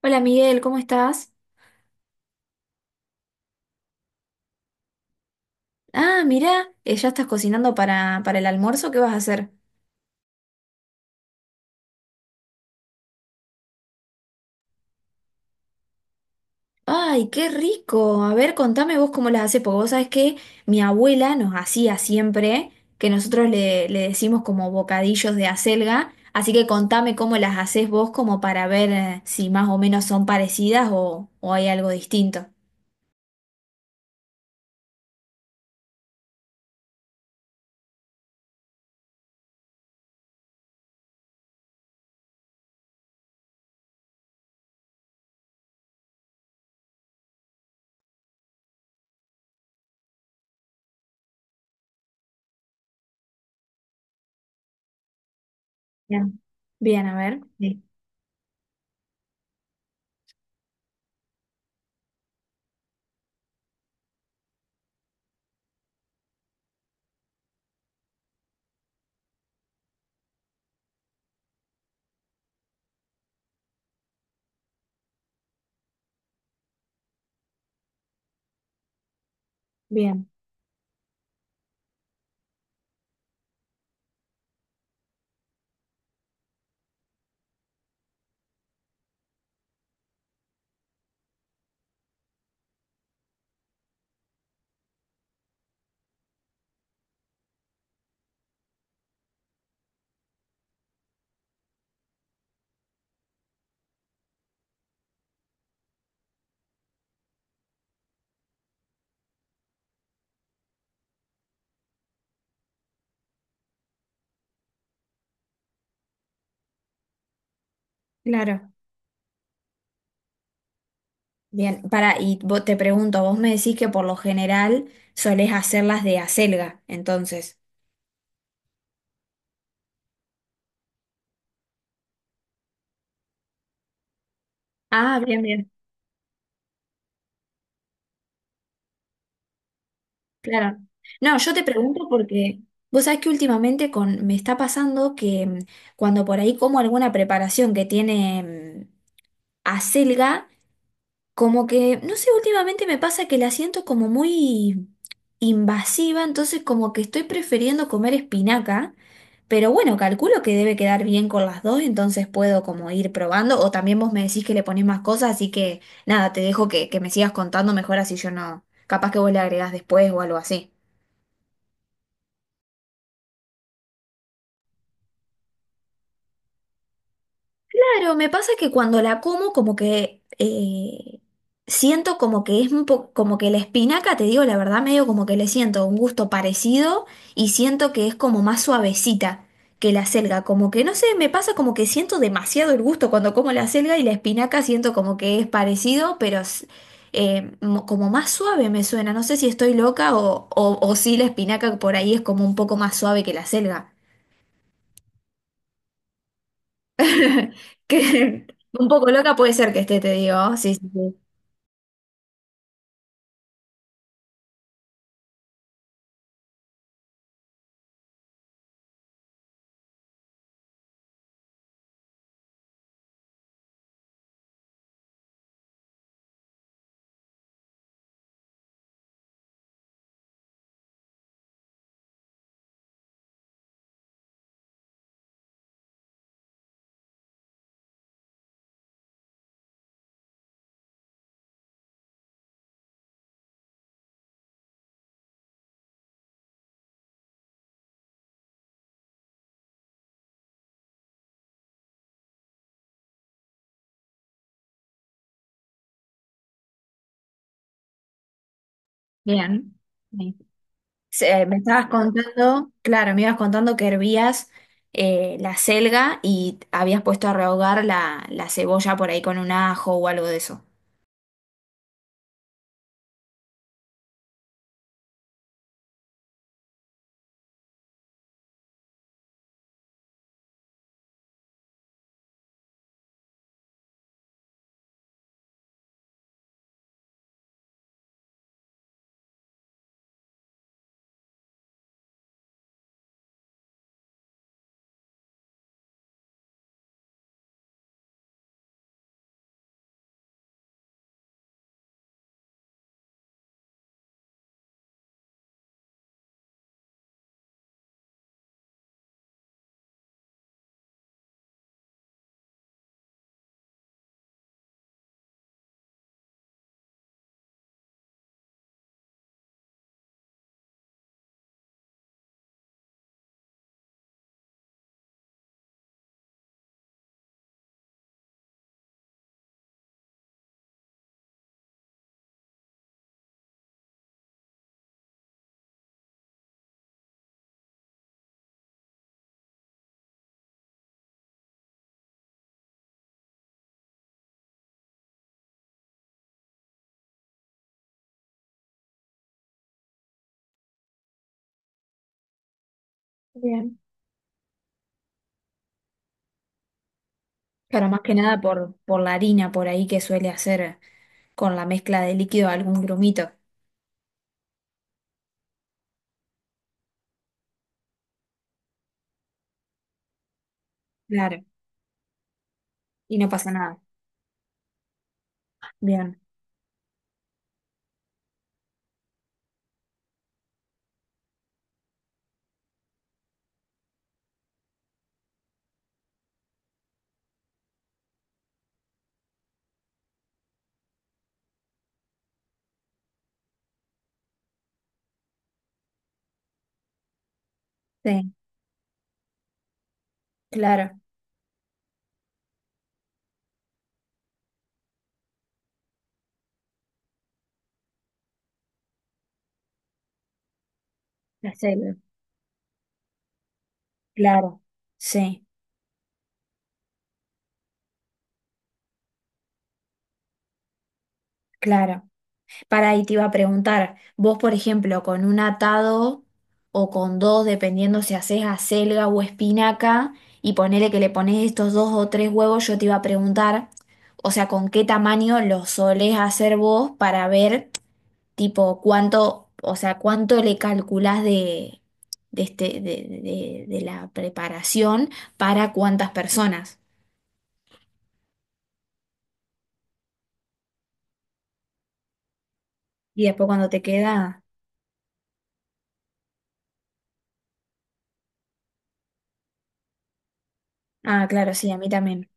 Hola, Miguel, ¿cómo estás? Ah, mirá, ya estás cocinando para el almuerzo, ¿qué vas a hacer? ¡Ay, qué rico! A ver, contame vos cómo las haces, porque vos sabés que mi abuela nos hacía siempre, que nosotros le decimos como bocadillos de acelga, así que contame cómo las haces vos como para ver si más o menos son parecidas o hay algo distinto. Bien, bien, a ver. Sí. Bien, claro. Bien, para, y te pregunto, vos me decís que por lo general solés hacerlas de acelga, entonces. Ah, bien, bien, claro. No, yo te pregunto porque vos sabés que últimamente con, me está pasando que cuando por ahí como alguna preparación que tiene mm, acelga, como que, no sé, últimamente me pasa que la siento como muy invasiva, entonces como que estoy prefiriendo comer espinaca, pero bueno, calculo que debe quedar bien con las dos, entonces puedo como ir probando, o también vos me decís que le ponés más cosas, así que nada, te dejo que me sigas contando mejor así yo no, capaz que vos le agregás después o algo así. Claro, me pasa que cuando la como, como que siento como que es un poco, como que la espinaca, te digo la verdad, medio como que le siento un gusto parecido y siento que es como más suavecita que la selga. Como que no sé, me pasa como que siento demasiado el gusto cuando como la selga y la espinaca siento como que es parecido, pero como más suave me suena. No sé si estoy loca o si la espinaca por ahí es como un poco más suave que la selga. Que un poco loca puede ser que esté, te digo. Sí, sí, sí. Bien. Sí. Me estabas contando, claro, me ibas contando que hervías la selga y habías puesto a rehogar la cebolla por ahí con un ajo o algo de eso. Bien. Claro, más que nada por la harina por ahí que suele hacer con la mezcla de líquido algún grumito. Claro. Y no pasa nada. Bien. Sí, claro. La selga. Claro. Sí, claro. Para ahí te iba a preguntar, vos por ejemplo, con un atado o con dos, dependiendo si haces acelga o espinaca, y ponele que le pones estos dos o tres huevos, yo te iba a preguntar, o sea, con qué tamaño los solés hacer vos para ver, tipo, cuánto, o sea, cuánto le calculás de de la preparación para cuántas personas. Y después cuando te queda, ah, claro, sí, a mí también.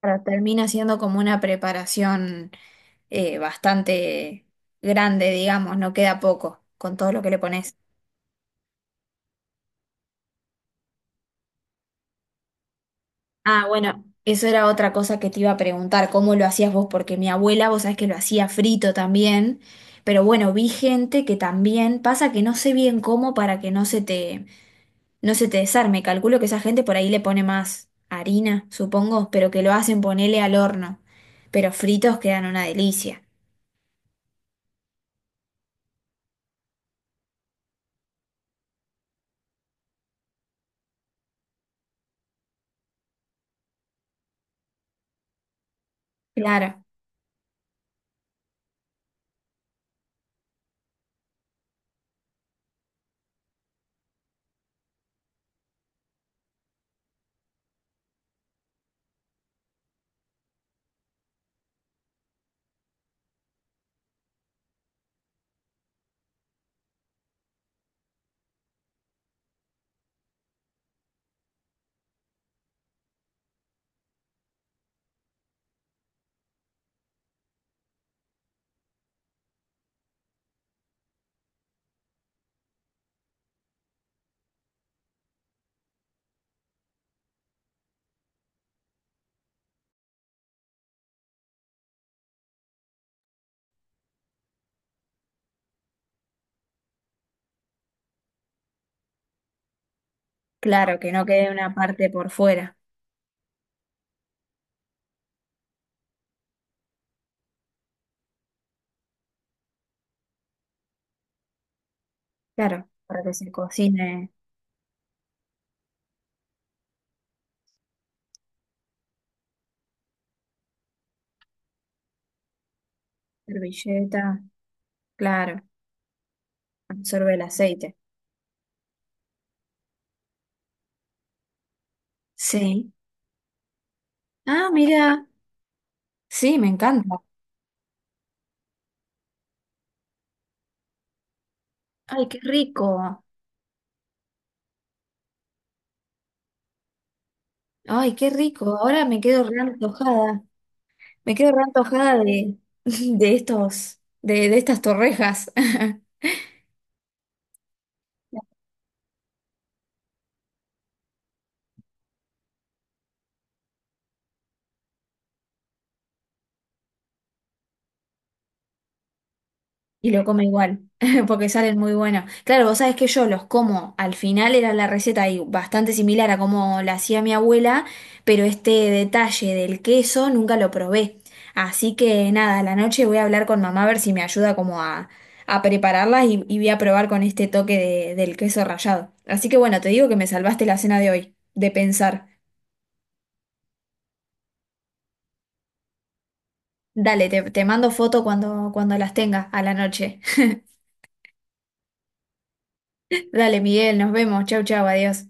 Pero termina siendo como una preparación. Bastante grande, digamos, no queda poco con todo lo que le pones. Ah, bueno, eso era otra cosa que te iba a preguntar, ¿cómo lo hacías vos? Porque mi abuela, vos sabés que lo hacía frito también, pero bueno, vi gente que también, pasa que no sé bien cómo para que no se te desarme, calculo que esa gente por ahí le pone más harina, supongo, pero que lo hacen ponerle al horno, pero fritos quedan una delicia. Claro, claro, que no quede una parte por fuera, claro, para que se cocine. Servilleta, claro, absorbe el aceite. Sí. Ah, mira, sí, me encanta. Ay, qué rico. Ay, qué rico. Ahora me quedo re antojada. Me quedo re antojada de, estas torrejas. Y lo come igual, porque salen muy buenos. Claro, vos sabés que yo los como, al final era la receta y bastante similar a como la hacía mi abuela, pero este detalle del queso nunca lo probé. Así que nada, a la noche voy a hablar con mamá a ver si me ayuda a prepararlas y voy a probar con este toque del queso rallado. Así que bueno, te digo que me salvaste la cena de hoy, de pensar. Dale, te mando foto cuando las tenga a la noche. Dale, Miguel, nos vemos. Chau, chau, adiós.